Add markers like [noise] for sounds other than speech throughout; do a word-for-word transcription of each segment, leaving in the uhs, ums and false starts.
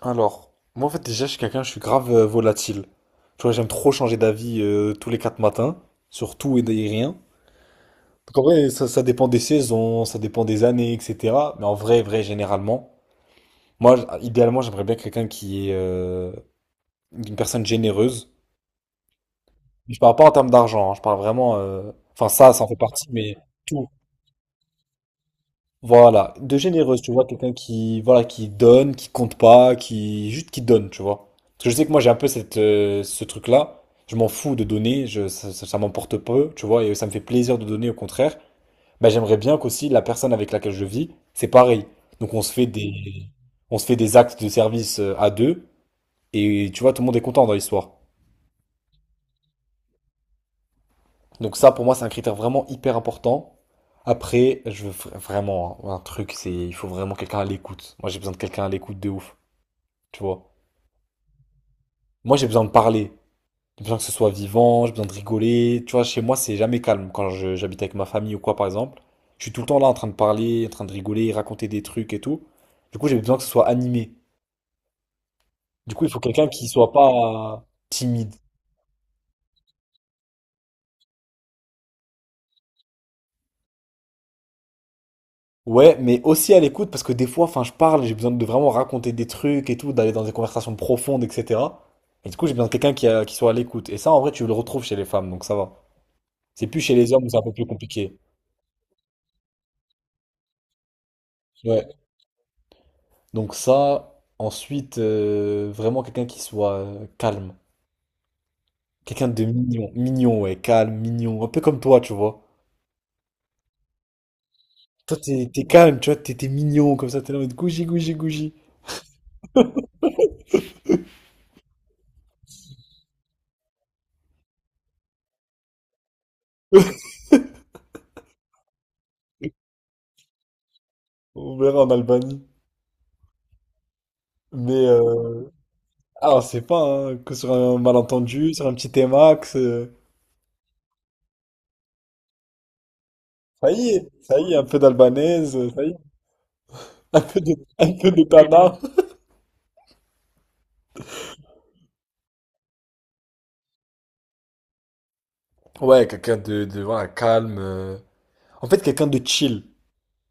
Alors, moi en fait déjà je suis quelqu'un, je suis grave euh, volatile. Tu vois, j'aime trop changer d'avis euh, tous les quatre matins, sur tout et des- rien. Donc en vrai, ça, ça dépend des saisons, ça dépend des années, et cetera. Mais en vrai, vrai, généralement, moi, j- idéalement, j'aimerais bien quelqu'un qui est euh, une personne généreuse. Je parle pas en termes d'argent, hein, je parle vraiment... euh, Enfin, ça, ça en fait partie, mais tout. Voilà, de généreuse, tu vois, quelqu'un qui, voilà, qui donne, qui compte pas, qui juste qui donne, tu vois. Parce que je sais que moi j'ai un peu cette, euh, ce truc-là, je m'en fous de donner, je, ça, ça- ça m'emporte peu, tu vois, et ça me fait plaisir de donner au contraire. Bah, j'aimerais bien qu'aussi la personne avec laquelle je vis, c'est pareil. Donc on se fait des, on se fait des actes de service euh, à deux, et tu vois, tout le monde est content dans l'histoire. Donc ça, pour moi, c'est un critère vraiment hyper important. Après, je veux vra- vraiment, hein, un truc, c'est il faut vraiment quelqu'un à l'écoute. Moi, j'ai besoin de quelqu'un à l'écoute de ouf. Tu vois. Moi, j'ai besoin de parler. J'ai besoin que ce soit vivant, j'ai besoin de rigoler. Tu vois, chez moi, c'est jamais calme. Quand je- j'habite avec ma famille ou quoi, par exemple, je suis tout le temps là en train de parler, en train de rigoler, raconter des trucs et tout. Du coup, j'ai besoin que ce soit animé. Du coup, il faut quelqu'un qui soit pas timide. Ouais, mais aussi à l'écoute, parce que des fois, enfin, je parle, j'ai besoin de vraiment raconter des trucs et tout, d'aller dans des conversations profondes, et cetera. Et du coup, j'ai besoin de quelqu'un qui, a- qui soit à l'écoute. Et ça, en vrai, tu le retrouves chez les femmes, donc ça va. C'est plus chez les hommes où c'est un peu plus compliqué. Ouais. Donc ça, ensuite, euh, vraiment quelqu'un qui soit euh, calme. Quelqu'un de mignon. Mignon, ouais, calme, mignon. Un peu comme toi, tu vois. Toi, t'es t'es calme, tu vois, t'es t'es mignon, comme ça, t'es là en mode gougi, gougi, gougi. [laughs] On verra en Albanie. Mais, euh, ah, on sait pas, hein, que sur un malentendu, sur un petit T-Max, euh, ça y est, ça y est, un peu d'albanaise, euh, ça y est, un peu de, un peu de tana. Ouais, quelqu'un de, de, voilà, calme. euh. En fait, quelqu'un de chill.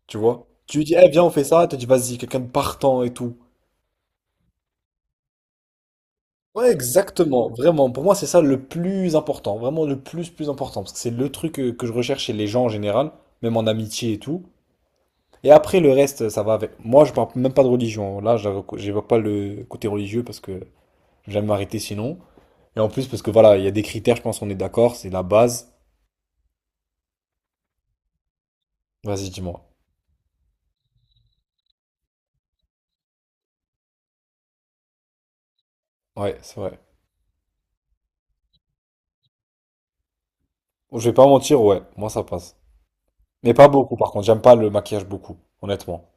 Tu vois? Tu lui dis, eh, viens, on fait ça. Elle te dit, vas-y, quelqu'un de partant et tout. Ouais, exactement. Vraiment, pour moi, c'est ça le plus important. Vraiment le plus, plus important. Parce que c'est le truc euh, que je recherche chez les gens en général, même en amitié et tout. Et après, le reste, ça va avec. Moi, je parle même pas de religion. Là, je j'évoque pas le côté religieux parce que j'aime m'arrêter sinon. Et en plus, parce que voilà, il y a des critères, je pense qu'on est d'accord, c'est la base. Vas-y, dis-moi. Ouais, c'est vrai. Je vais pas mentir, ouais, moi ça passe. Mais pas beaucoup, par contre, j'aime pas le maquillage beaucoup, honnêtement.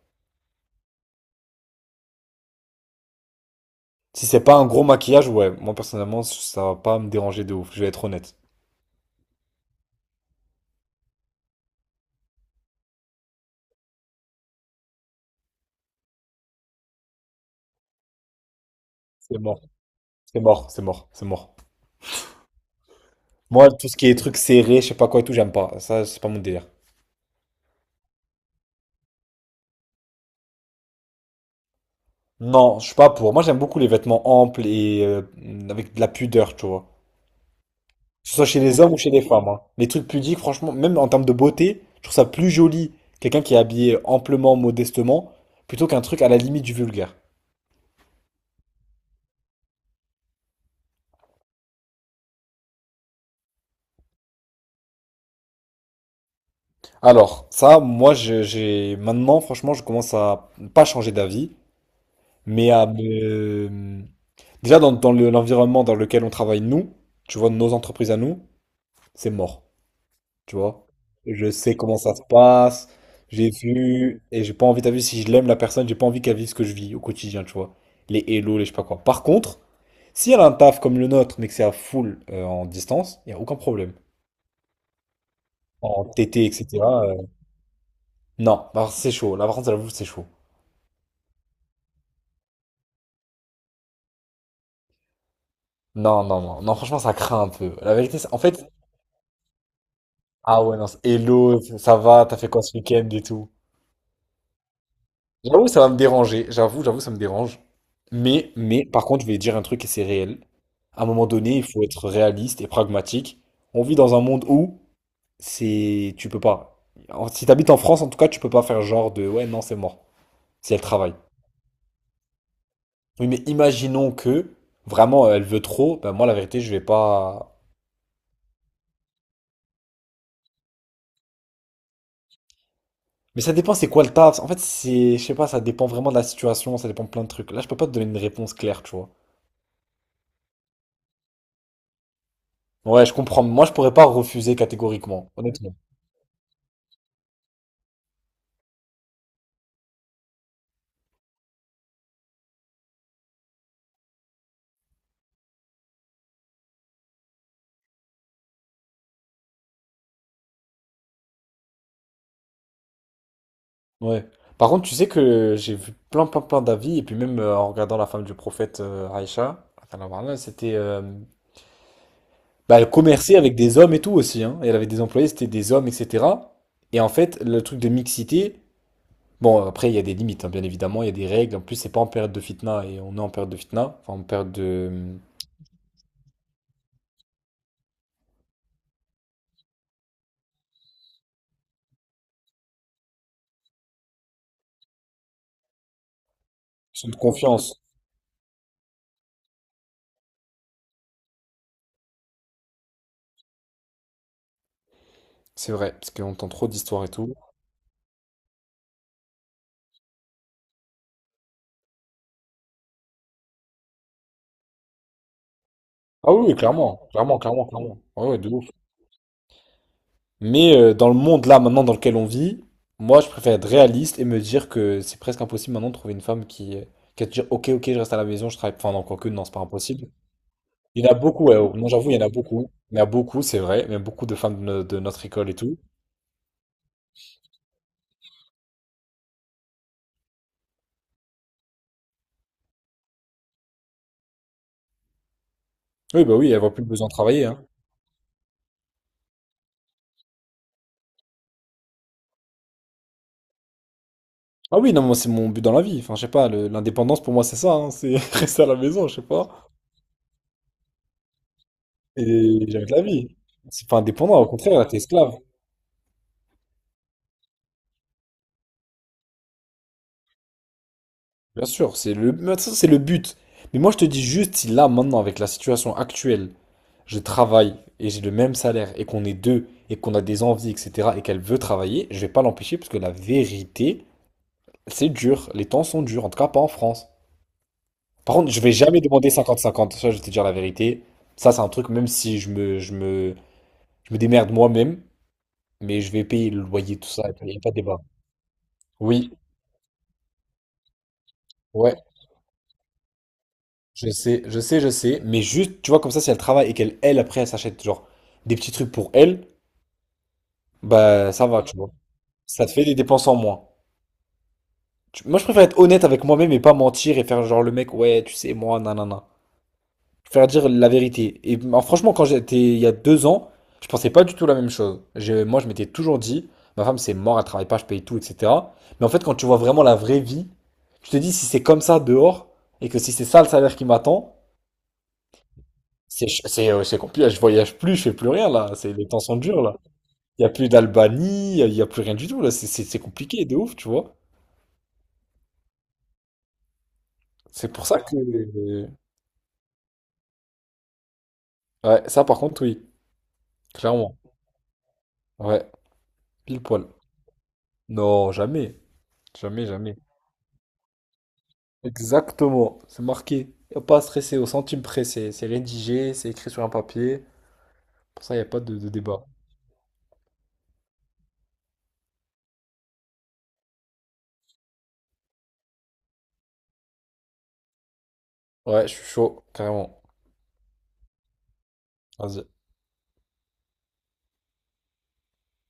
Si c'est pas un gros maquillage, ouais, moi personnellement, ça va pas me déranger de ouf, je vais être honnête. C'est mort, c'est mort, c'est mort, c'est mort. Moi, tout ce qui est trucs serrés, je sais pas quoi et tout, j'aime pas. Ça, c'est pas mon délire. Non, je suis pas pour. Moi, j'aime beaucoup les vêtements amples et euh, avec de la pudeur, tu vois. Que ce soit chez les hommes ou chez les femmes, hein. Les trucs pudiques, franchement, même en termes de beauté, je trouve ça plus joli quelqu'un qui est habillé amplement, modestement, plutôt qu'un truc à la limite du vulgaire. Alors, ça, moi, je- j'ai maintenant, franchement, je commence à pas changer d'avis. Mais à me- déjà, dans, dans le- l'environnement dans lequel on travaille, nous, tu vois, nos entreprises à nous, c'est mort, tu vois. Je sais comment ça se passe, j'ai vu, et j'ai pas envie, t'as vu, si je l'aime la personne, j'ai pas envie qu'elle vive ce que je vis au quotidien, tu vois. Les hello, les je sais pas quoi. Par contre, si elle a un taf comme le nôtre, mais que c'est à full euh, en distance, il n'y a aucun problème. En T T, et cetera euh, non, bah, c'est chaud. La par contre, j'avoue, c'est chaud. Non, non, non, non, franchement, ça craint un peu. La vérité, c'est- en fait, Ah ouais, non, c'est- hello, ça va, t'as fait quoi ce week-end et tout? J'avoue, ça va me déranger, j'avoue, j'avoue, ça me dérange. Mais, mais, par contre, je vais dire un truc et c'est réel. À un moment donné, il faut être réaliste et pragmatique. On vit dans un monde où c'est, tu peux pas. En- Si t'habites en France, en tout cas, tu peux pas faire genre de, ouais, non, c'est mort, si elle travaille. Oui, mais imaginons que, vraiment, elle veut trop, ben moi, la vérité, je vais pas... Mais ça dépend, c'est quoi le taf? En fait, c'est, je sais pas, ça dépend vraiment de la situation, ça dépend de plein de trucs. Là, je peux pas te donner une réponse claire, tu vois. Ouais, je comprends. Moi, je pourrais pas refuser catégoriquement, honnêtement. Ouais. Par contre, tu sais que j'ai vu plein, plein, plein d'avis, et puis même euh, en regardant la femme du prophète euh, Aïcha, radiyallahu anha, c'était, euh, bah, elle commerçait avec des hommes et tout aussi, hein. Et Elle avait des employés, c'était des hommes, et cetera. Et en fait, le truc de mixité, bon, après, il y a des limites, hein, bien évidemment, il y a des règles. En plus, c'est pas en période de fitna, et on est en période de fitna, enfin, en période de, euh, de confiance. C'est vrai, parce qu'on entend trop d'histoires et tout. Ah oui, oui, clairement, clairement, clairement, clairement. Ouais, ouais, de ouf. Mais euh, dans le monde là maintenant dans lequel on vit, moi je préfère être réaliste et me dire que c'est presque impossible maintenant de trouver une femme qui, qui va te dire ok, ok, je reste à la maison, je travaille. Enfin non, encore que non, c'est pas impossible. Il y en a beaucoup, ouais, oh, non, j'avoue il y en a beaucoup, il y en a beaucoup, c'est vrai, même beaucoup de femmes de, no- de notre école et tout. Oui, bah, oui, elles voient plus le besoin de travailler, hein. Ah oui, non, moi c'est mon but dans la vie. Enfin je sais pas, le- l'indépendance pour moi c'est ça, hein, c'est [laughs] rester à la maison, je sais pas, et jamais de la vie. C'est pas indépendant, au contraire là, t'es esclave. Bien sûr, c'est le, mais ça, c'est le but. Mais moi, je te dis juste, si là, maintenant, avec la situation actuelle, je travaille et j'ai le même salaire et qu'on est deux et qu'on a des envies, et cetera, et qu'elle veut travailler, je vais pas l'empêcher parce que la vérité, c'est dur. Les temps sont durs, en tout cas pas en France. Par contre, je vais jamais demander cinquante cinquante. Ça, je vais te dire la vérité. Ça, c'est un truc, même si je me, je me, je me démerde moi-même, mais je vais payer le loyer, tout ça. Il n'y a pas de débat. Oui, ouais. Je sais, je sais, je sais, mais juste, tu vois, comme ça, si elle travaille et qu'elle, elle, après, elle s'achète, genre, des petits trucs pour elle, bah, ça va, tu vois. Ça te fait des dépenses en moins. Tu- Moi, je préfère être honnête avec moi-même et pas mentir et faire, genre, le mec, ouais, tu sais, moi, nanana. Je préfère dire la vérité. Et bah, franchement, quand j'étais, il y a deux ans, je pensais pas du tout la même chose. Je- moi, je m'étais toujours dit, ma femme, c'est mort, elle travaille pas, je paye tout, et cetera. Mais en fait, quand tu vois vraiment la vraie vie, tu te dis, si c'est comme ça dehors, et que si c'est ça le salaire qui m'attend, C'est ch- c'est euh, c'est compliqué, je voyage plus, je fais plus rien là, c'est les temps sont durs là. Il y a plus d'Albanie, il y a plus rien du tout là, c'est c'est- c'est compliqué de ouf, tu vois. C'est pour ça que, ouais, ça par contre oui, clairement. Ouais, pile poil. Non, jamais, jamais, jamais. Exactement, c'est marqué. Y a pas à stresser au centime près, c'est c'est rédigé, c'est écrit sur un papier. Pour ça, il n'y a pas de, de débat. Ouais, je suis chaud, carrément. Vas-y.